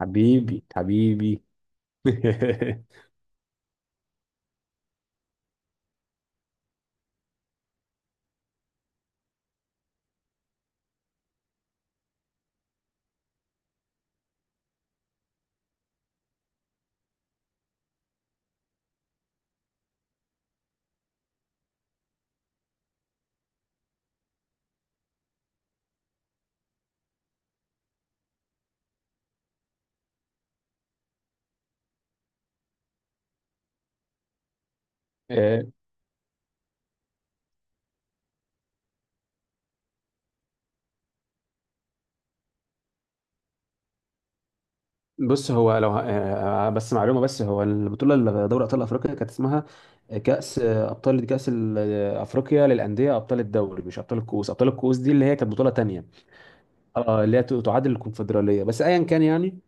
حبيبي حبيبي. آه، بص هو لو بس معلومه، بس هو البطوله اللي دوري ابطال افريقيا كانت اسمها كاس ابطال، كاس ال- آه، افريقيا للانديه ابطال الدوري، مش ابطال الكؤوس. ابطال الكؤوس دي اللي هي كانت بطوله تانيه. اه، اللي هي تعادل الكونفدراليه. بس ايا كان يعني،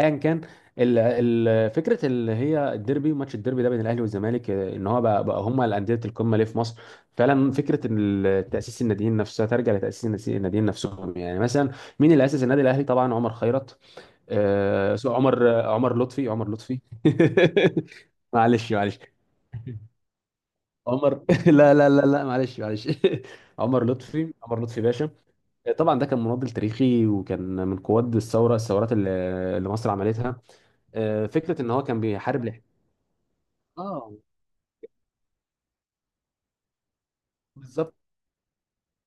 ايا كان. ال- فكره اللي هي الديربي، ماتش الديربي ده بين الاهلي والزمالك، ان هو بقى هم الانديه القمه ليه في مصر. فعلا فكره ان تاسيس الناديين نفسها ترجع لتاسيس الناديين نفسهم. يعني مثلا مين اللي اسس النادي الاهلي؟ طبعا عمر خيرت، عمر لطفي. عمر لطفي معلش معلش. عمر لا لا لا لا، معلش معلش عمر لطفي، عمر لطفي باشا. طبعا ده كان مناضل تاريخي، وكان من قواد الثورات اللي مصر عملتها. فكره ان هو كان بيحارب اه بالظبط،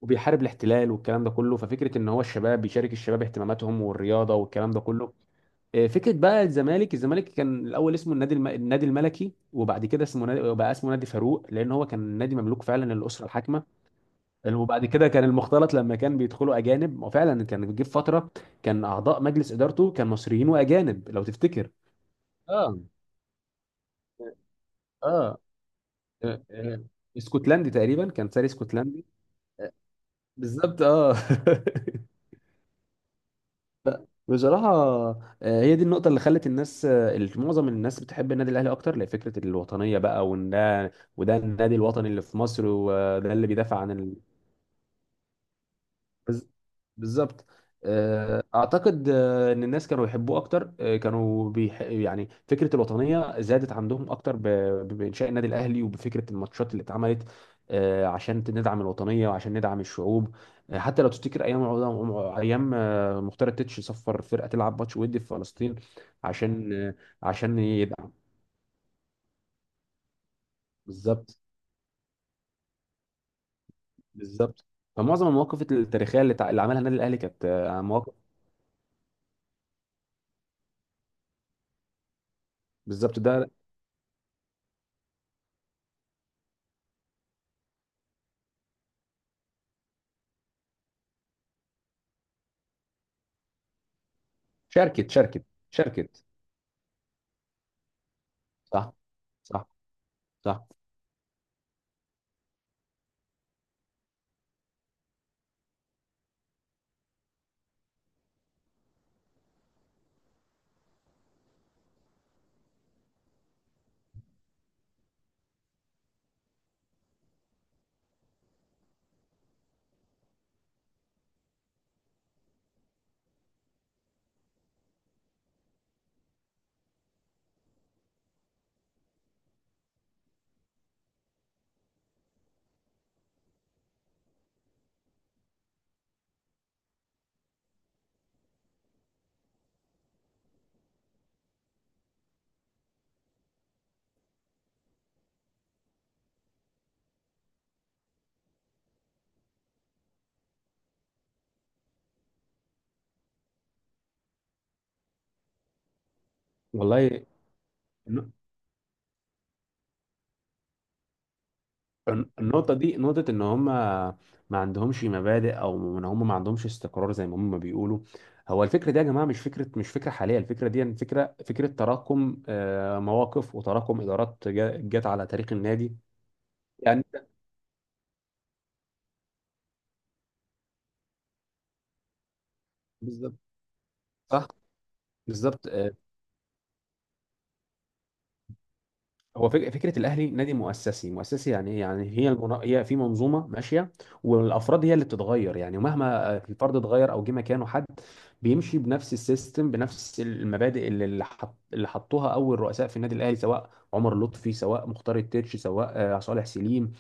وبيحارب الاحتلال والكلام ده كله. ففكره ان هو الشباب بيشارك الشباب اهتماماتهم، والرياضه والكلام ده كله. فكره بقى الزمالك، الزمالك كان الاول اسمه النادي الملكي، وبعد كده بقى اسمه نادي فاروق، لان هو كان نادي مملوك فعلا للاسره الحاكمه. وبعد كده كان المختلط لما كان بيدخلوا اجانب، وفعلا كان بيجي في فتره كان اعضاء مجلس ادارته كان مصريين واجانب لو تفتكر. اه اه. آه، آه، اسكتلندي تقريبا، كان ساري اسكتلندي. بالظبط اه لا، بصراحة هي دي النقطة اللي خلت الناس، معظم الناس بتحب النادي الأهلي أكتر لفكرة الوطنية بقى، وإن ده وده النادي الوطني اللي في مصر، وده اللي بيدافع عن بز- بالظبط. اعتقد ان الناس كانوا يحبوه اكتر، يعني فكره الوطنيه زادت عندهم اكتر بانشاء النادي الاهلي، وبفكره الماتشات اللي اتعملت. عشان ندعم الوطنيه، وعشان ندعم الشعوب. حتى لو تفتكر ايام مختار التتش صفر فرقه تلعب ماتش ودي في فلسطين عشان عشان يدعم. بالظبط بالظبط. فمعظم المواقف التاريخيه اللي عملها النادي الاهلي كانت مواقف. بالظبط ده. شاركت شاركت، شاركت. صح صح، صح. والله. الن- النقطة دي، نقطة إن هم ما عندهمش مبادئ، أو إن هم ما عندهمش استقرار زي ما هم بيقولوا. هو الفكرة دي يا جماعة مش فكرة، مش فكرة حالية. الفكرة دي يعني فكرة، فكرة تراكم مواقف وتراكم إدارات جت على تاريخ النادي. يعني. بالظبط. صح. بالظبط. هو فكره الاهلي نادي مؤسسي، مؤسسي يعني ايه؟ يعني هي هي في منظومه ماشيه، والافراد هي اللي بتتغير. يعني مهما الفرد اتغير، او جه مكانه حد بيمشي بنفس السيستم، بنفس المبادئ اللي حطوها اول رؤساء في النادي الاهلي، سواء عمر لطفي، سواء مختار التتش، سواء صالح سليم.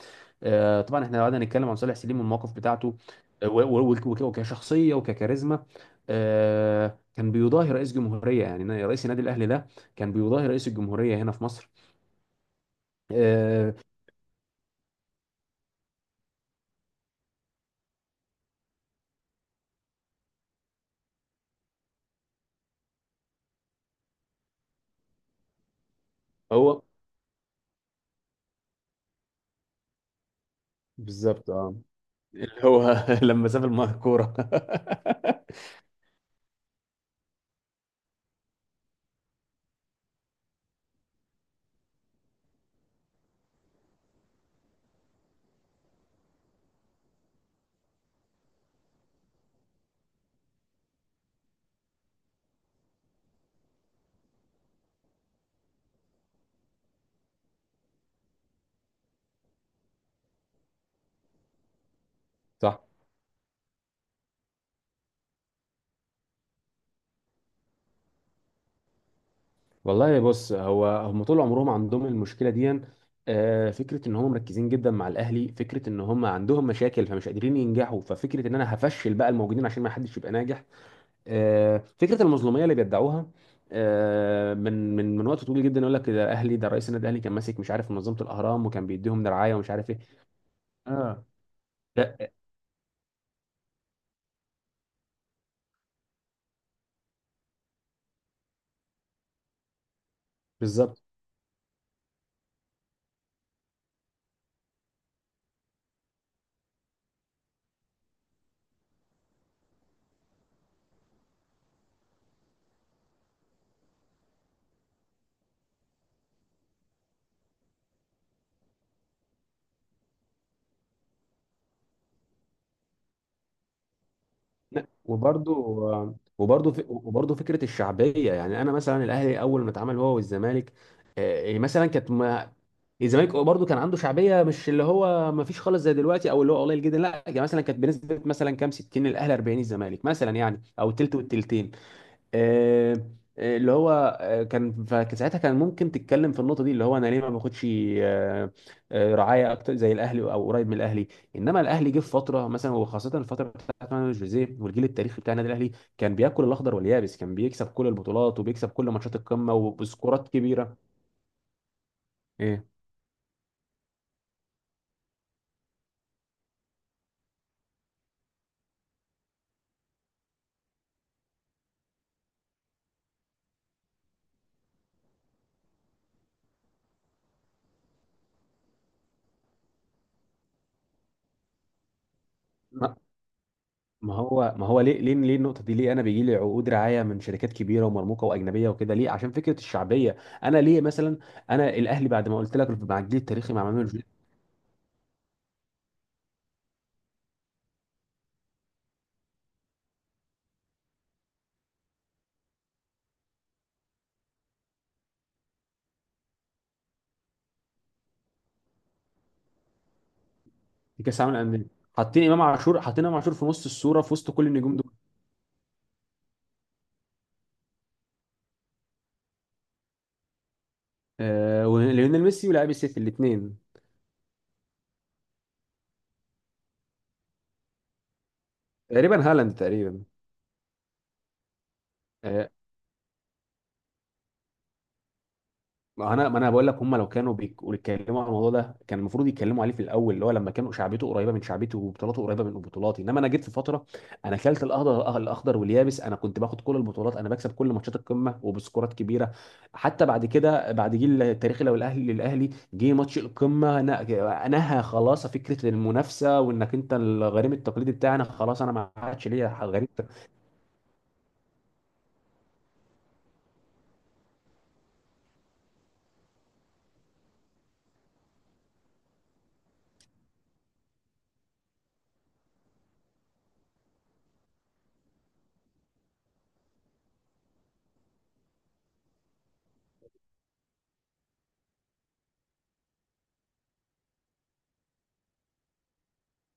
طبعا احنا لو قعدنا نتكلم عن صالح سليم والمواقف بتاعته، وكشخصيه وككاريزما، كان بيضاهي رئيس جمهوريه. يعني رئيس النادي الاهلي ده كان بيضاهي رئيس الجمهورية هنا في مصر. آه، هو بالظبط اه. اللي هو لما ساب الكوره. صح. والله بص، هو هم طول عمرهم عندهم المشكله دي، فكره ان هم مركزين جدا مع الاهلي. فكره ان هم عندهم مشاكل فمش قادرين ينجحوا، ففكره ان انا هفشل بقى الموجودين عشان ما حدش يبقى ناجح. فكره المظلوميه اللي بيدعوها من وقت طويل جدا. يقول لك ده الاهلي، ده رئيس النادي الاهلي كان ماسك مش عارف منظمه الاهرام، وكان بيديهم دراعيه ومش عارف ايه. اه لا بالظبط. وبرضه وبرضه فكره الشعبيه، يعني انا مثلا الاهلي اول ما اتعمل هو والزمالك، يعني مثلا كانت ما الزمالك برضه كان عنده شعبيه، مش اللي هو ما فيش خالص زي دلوقتي، او اللي هو قليل جدا، لا. يعني مثلا كانت بنسبه مثلا كام، 60 الاهلي 40 الزمالك مثلا، يعني او تلت والتلتين. آه، آه، اللي هو آه، كان فساعتها كان ممكن تتكلم في النقطه دي، اللي هو انا ليه ما باخدش آه، رعايه اكتر زي الاهلي او قريب من الاهلي. انما الاهلي جه في فتره مثلا، وخاصه الفتره بتاعت مان جوزيه والجيل التاريخي بتاع النادي الاهلي، كان بياكل الاخضر واليابس، كان بيكسب كل البطولات وبيكسب كل ماتشات القمه وبسكورات كبيره. ايه. ما ما هو ليه، ليه النقطه دي؟ ليه انا بيجي لي عقود رعايه من شركات كبيره ومرموقه واجنبيه وكده؟ ليه؟ عشان فكره الشعبيه. انا ليه مثلا، انا الاهلي بعد ما قلت لك مع الجيل التاريخي مع مانويل، في كاس العالم للانديه حاطين امام عاشور، حاطين امام عاشور في نص الصوره، في وسط كل النجوم دول. آه، وليونيل ميسي ولاعب السيتي الاثنين، تقريبا هالاند تقريبا. آه، ما انا، ما انا بقول لك هم لو كانوا بيتكلموا على الموضوع ده، كان المفروض يتكلموا عليه في الاول، اللي هو لما كانوا شعبيته قريبه من شعبيته، وبطولاته قريبه من بطولاتي. انما انا جيت في فتره، انا كلت الاخضر واليابس، انا كنت باخد كل البطولات، انا بكسب كل ماتشات القمه وبسكورات كبيره. حتى بعد كده، بعد جيل التاريخي لو الاهلي للاهلي جه ماتش القمه، نهى خلاص فكره المنافسه، وانك انت الغريم التقليدي بتاعنا. خلاص، انا ما عادش ليا غريم.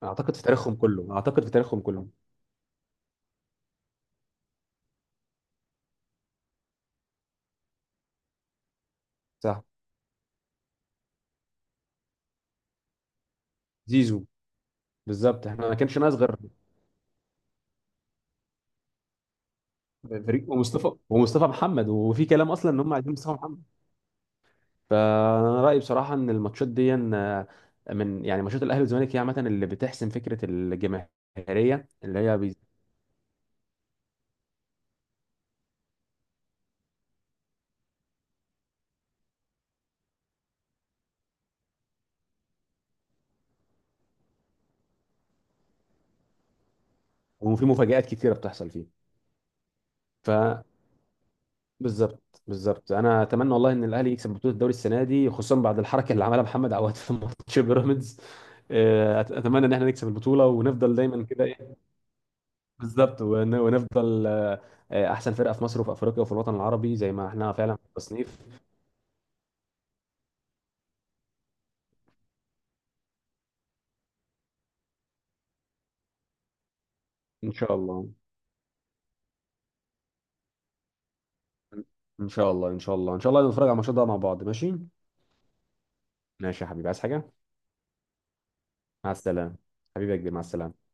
اعتقد في تاريخهم كله. صح. زيزو. بالظبط. احنا ما كانش ناس غير فريق، ومصطفى، ومصطفى محمد، وفي كلام اصلا ان هم عايزين مصطفى محمد. فانا رايي بصراحه ان الماتشات دي من يعني ماتشات الاهلي والزمالك، هي عامه اللي بتحسم فكره الجماهيريه اللي هي وفي مفاجآت كتيره بتحصل فيه. ف بالظبط بالظبط. انا اتمنى والله ان الاهلي يكسب بطوله الدوري السنه دي، خصوصا بعد الحركه اللي عملها محمد عواد في ماتش بيراميدز. اتمنى ان احنا نكسب البطوله، ونفضل دايما كده، ايه. بالظبط ونفضل احسن فرقه في مصر، وفي افريقيا، وفي الوطن العربي، زي ما احنا فعلا في التصنيف. ان شاء الله. ان شاء الله ان شاء الله، ان شاء الله نتفرج على الماتش ده مع بعض. ماشي. ماشي يا حبيبي، عايز حاجه؟ مع السلامه. حبيبي يا كبير، مع السلامه.